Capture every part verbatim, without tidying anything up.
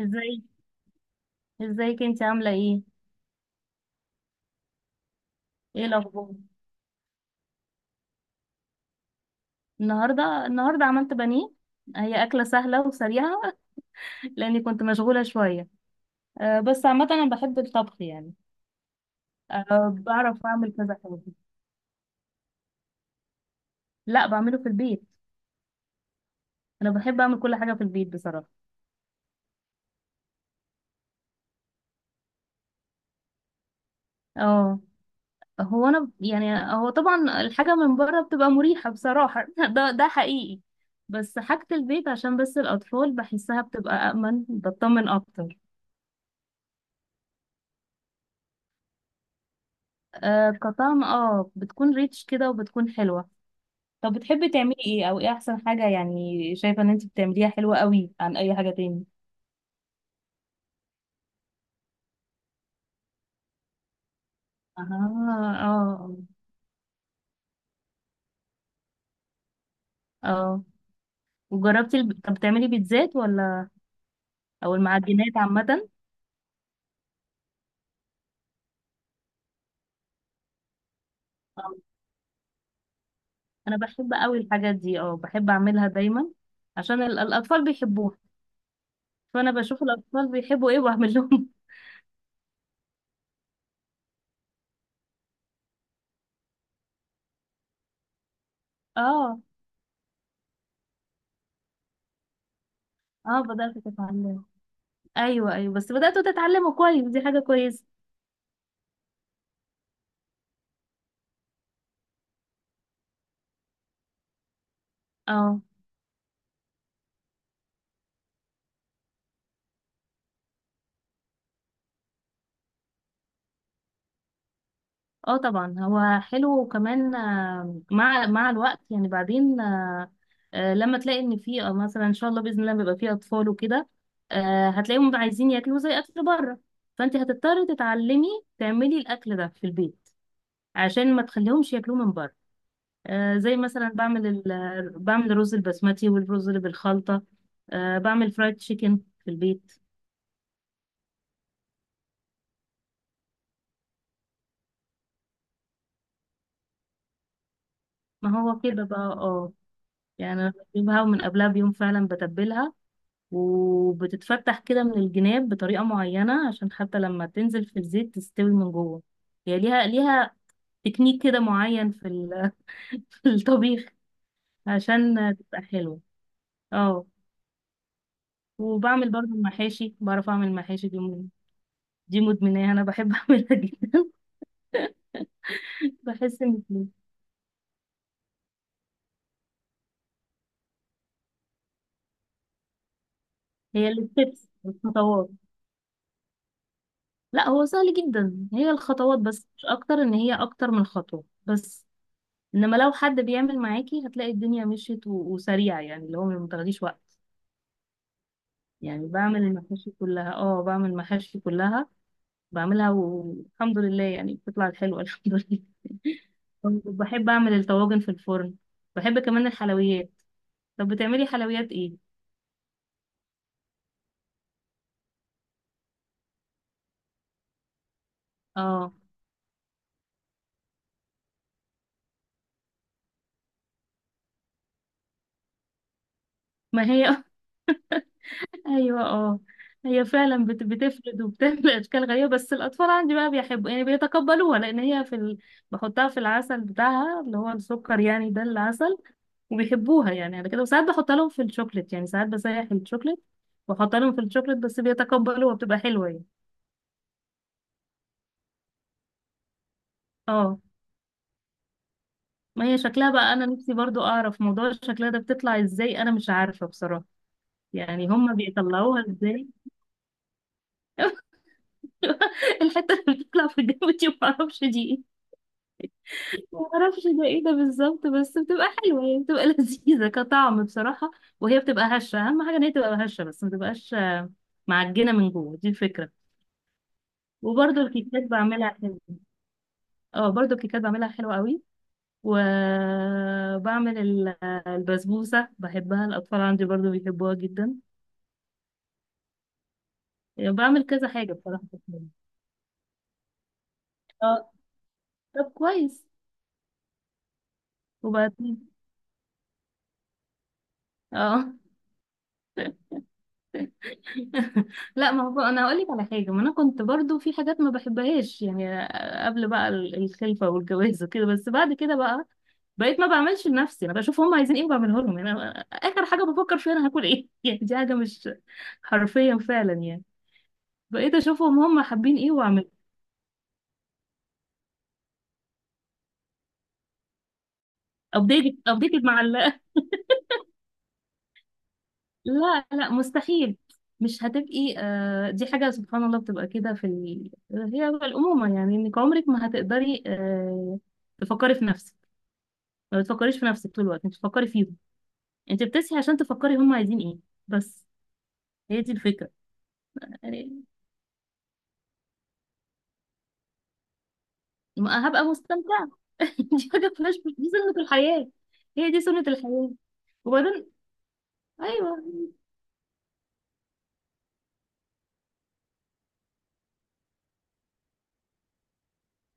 ازاي؟ ازيك انت عامله ايه؟ ايه الاخبار؟ النهارده النهارده عملت بانيه. هي اكله سهله وسريعه. لاني كنت مشغوله شويه. أه، بس عامه انا بحب الطبخ يعني. أه، بعرف اعمل كذا حاجه. لا، بعمله في البيت. انا بحب اعمل كل حاجه في البيت بصراحه. اه. هو انا يعني هو طبعا الحاجه من بره بتبقى مريحه بصراحه. ده ده حقيقي. بس حاجه البيت، عشان بس الاطفال بحسها بتبقى امن، بطمن اكتر. آه، كطعم اه بتكون ريتش كده وبتكون حلوة. طب بتحبي تعملي ايه، او ايه احسن حاجة يعني شايفة ان انت بتعمليها حلوة قوي عن اي حاجة تاني؟ اه. اه. اه. وجربتي الب... طب بتعملي بيتزات ولا او المعجنات عامة؟ آه. انا بحب قوي الحاجات دي، اه بحب اعملها دايما. عشان ال... الاطفال بيحبوها. فانا بشوف الاطفال بيحبوا ايه واعمل لهم. اه. اه، بدأت اتعلم. ايوه، ايوه بس بدأتوا تتعلموا كويس، دي حاجة كويسة. اه. اه، طبعا هو حلو، وكمان آه، مع مع الوقت يعني. بعدين آه، آه، لما تلاقي ان في آه، مثلا ان شاء الله باذن الله بيبقى في اطفال وكده آه، هتلاقيهم عايزين ياكلوا زي اكل بره. فانت هتضطري تتعلمي تعملي الاكل ده في البيت، عشان ما تخليهمش ياكلوه من بره. آه، زي مثلا بعمل ال- بعمل الرز البسمتي والرز اللي بالخلطه. آه، بعمل فرايد تشيكن في البيت. ما هو كده بقى، اه. يعني أنا بجيبها من قبلها بيوم فعلا، بتبلها وبتتفتح كده من الجناب بطريقة معينة عشان حتى لما تنزل في الزيت تستوي من جوه. هي ليها ليها تكنيك كده معين في ال- في الطبيخ، عشان تبقى حلوة. اه. وبعمل برضو المحاشي، بعرف اعمل المحاشي دي م- دي مدمناها، انا بحب اعملها جدا. بحس ان هي الستبس، الخطوات. لا، هو سهل جدا، هي الخطوات بس مش اكتر ان هي اكتر من خطوة بس. انما لو حد بيعمل معاكي هتلاقي الدنيا مشيت و- وسريعه، يعني اللي هو ما بتاخديش وقت. يعني بعمل المحاشي كلها، اه بعمل المحاشي كلها، بعملها والحمد لله يعني بتطلع حلوه. الحمد لله. بحب اعمل الطواجن في الفرن، بحب كمان الحلويات. طب بتعملي حلويات ايه؟ اه. ما هي ايوه، اه، هي فعلا بت... بتفرد وبتعمل اشكال غريبه، بس الاطفال عندي بقى بيحبوا يعني، بيتقبلوها لان هي في ال... بحطها في العسل بتاعها اللي هو السكر يعني، ده العسل، وبيحبوها يعني على كده. وساعات بحط لهم في الشوكليت، يعني ساعات بسيح الشوكليت واحط لهم في الشوكليت، بس بيتقبلوا وبتبقى حلوة يعني. اه. ما هي شكلها بقى، انا نفسي برضو اعرف موضوع شكلها ده بتطلع ازاي، انا مش عارفة بصراحة. يعني هما بيطلعوها ازاي؟ الحتة اللي بتطلع في الجو دي معرفش دي ايه، معرفش ده ايه ده بالظبط. بس بتبقى حلوة يعني، بتبقى لذيذة كطعم بصراحة. وهي بتبقى هشة، اهم حاجة ان هي تبقى هشة بس ما تبقاش معجنة من جوه، دي الفكرة. وبرضو الكيكات بعملها حلو، اه برضو الكيكات بعملها حلوة قوي. وبعمل ال- البسبوسة، بحبها الأطفال عندي برضو بيحبوها جدا. يعني بعمل كذا حاجة بصراحة في البيت. اه. طب كويس. وبعدين، اه، لا ما هو انا هقول لك على حاجه، ما انا كنت برضو في حاجات ما بحبهاش يعني قبل بقى ال- الخلفه والجواز وكده. بس بعد كده بقى، بقيت ما بعملش لنفسي، انا بشوف هم عايزين ايه وبعمله لهم يعني. أنا اخر حاجه بفكر فيها انا هاكل ايه، يعني دي حاجه، مش حرفيا فعلا يعني، بقيت اشوفهم هم حابين ايه. ابديتد ابديتد مع ال... لا، لا، مستحيل، مش هتبقي آه، دي حاجة سبحان الله بتبقى كده في ال... هي بقى الأمومة، يعني انك عمرك ما هتقدري آه، تفكري في نفسك. ما بتفكريش في نفسك طول الوقت، انت بتفكري فيهم، انت بتصحي عشان تفكري هم عايزين ايه. بس هي دي الفكرة يعني. ما هبقى مستمتعة؟ دي حاجة فلاش، دي سنة الحياة، هي دي سنة الحياة. وبعدين، ايوه،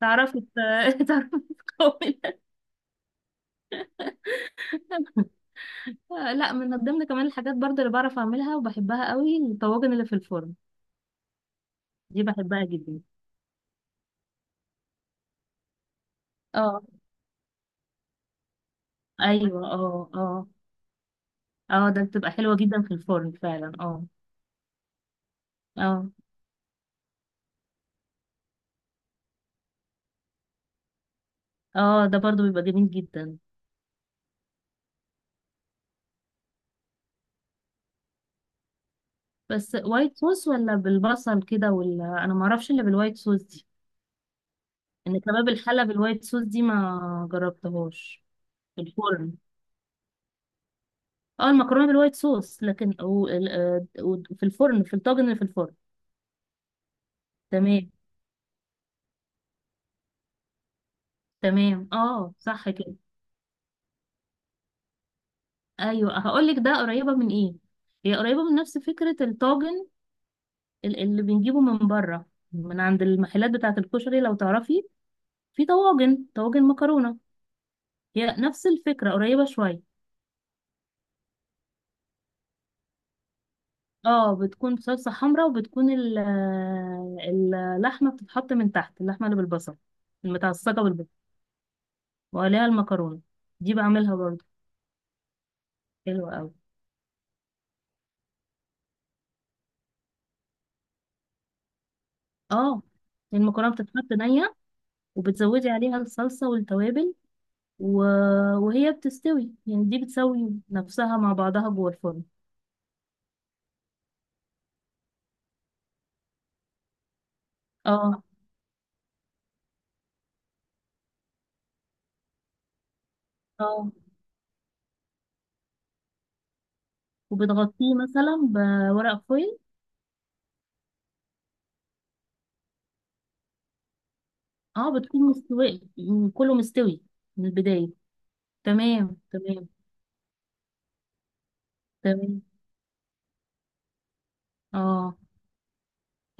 تعرفي ت- تعرفي تقاومي. آه، لا، من ضمن كمان الحاجات برضه اللي بعرف اعملها وبحبها قوي، الطواجن اللي في الفرن، دي بحبها جدا. اه. ايوه. اه. اه. اه ده بتبقى حلوة جدا في الفرن فعلا، اه. اه. اه ده برضه بيبقى جميل جدا. بس وايت صوص، ولا بالبصل كده؟ ولا انا ما اعرفش الا بالوايت صوص دي. ان كباب الحلة بالوايت صوص دي ما جربتهاش. في الفرن؟ اه المكرونة بالوايت صوص. لكن و- ال- آه، وفي الفرن، في الطاجن اللي في الفرن. تمام، تمام. اه صح كده. ايوه، هقول لك ده قريبه من ايه. هي قريبه من نفس فكره الطاجن ال- اللي بنجيبه من بره من عند المحلات بتاعه الكشري، لو تعرفي، في طواجن طواجن مكرونه. هي نفس الفكره، قريبه شويه. اه بتكون صلصه حمراء، وبتكون ال- اللحمه بتتحط من تحت، اللحمه اللي بالبصل، المتعصجه بالبصل، وعليها المكرونه. دي بعملها برضه، حلوه قوي. اه. المكرونه بتتحط نيه، وبتزودي عليها الصلصه والتوابل و... وهي بتستوي يعني، دي بتسوي نفسها مع بعضها جوه الفرن. اه. اه. وبتغطيه مثلا بورق فويل. اه بتكون مستوي، يعني كله مستوي من البداية. تمام، تمام، تمام، اه.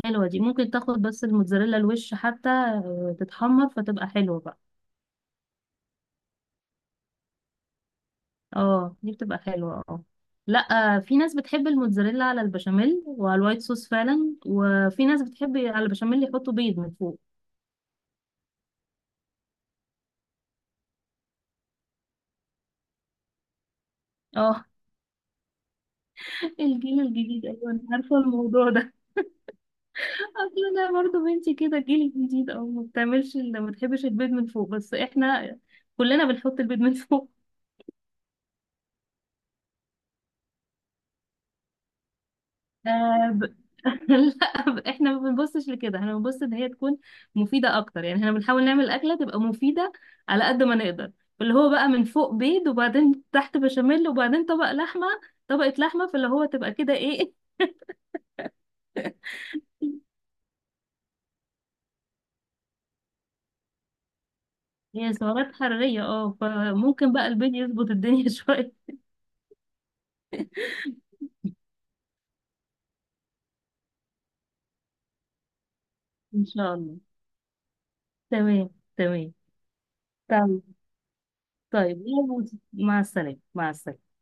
حلوة دي، ممكن تاخد بس الموتزاريلا الوش حتى آه، تتحمر فتبقى حلوة بقى. اه دي بتبقى حلوة، اه. لا، آه، في ناس بتحب الموتزاريلا على البشاميل وعلى الوايت صوص فعلا، وفي ناس بتحب على البشاميل يحطوا بيض من فوق. اه، الجيل الجديد، ايوه انا عارفه الموضوع ده. اصل انا برضه بنتي كده، الجيل الجديد، او ما بتعملش، اللي ما بتحبش البيض من فوق. بس احنا كلنا بنحط البيض من فوق. آه ب... لا، ب- احنا ما بنبصش لكده، احنا بنبص ان هي تكون مفيده اكتر. يعني احنا بنحاول نعمل اكله تبقى مفيده على قد ما نقدر. اللي هو بقى، من فوق بيض، وبعدين تحت بشاميل، وبعدين طبق لحمه، طبقه لحمه، فاللي هو تبقى كده ايه؟ هي سعرات حراريه، اه، فممكن بقى البيض يظبط الدنيا شويه. ان شاء الله. تمام. تمام. طيب. طيب، يلا. مع السلامة، مع السلامة.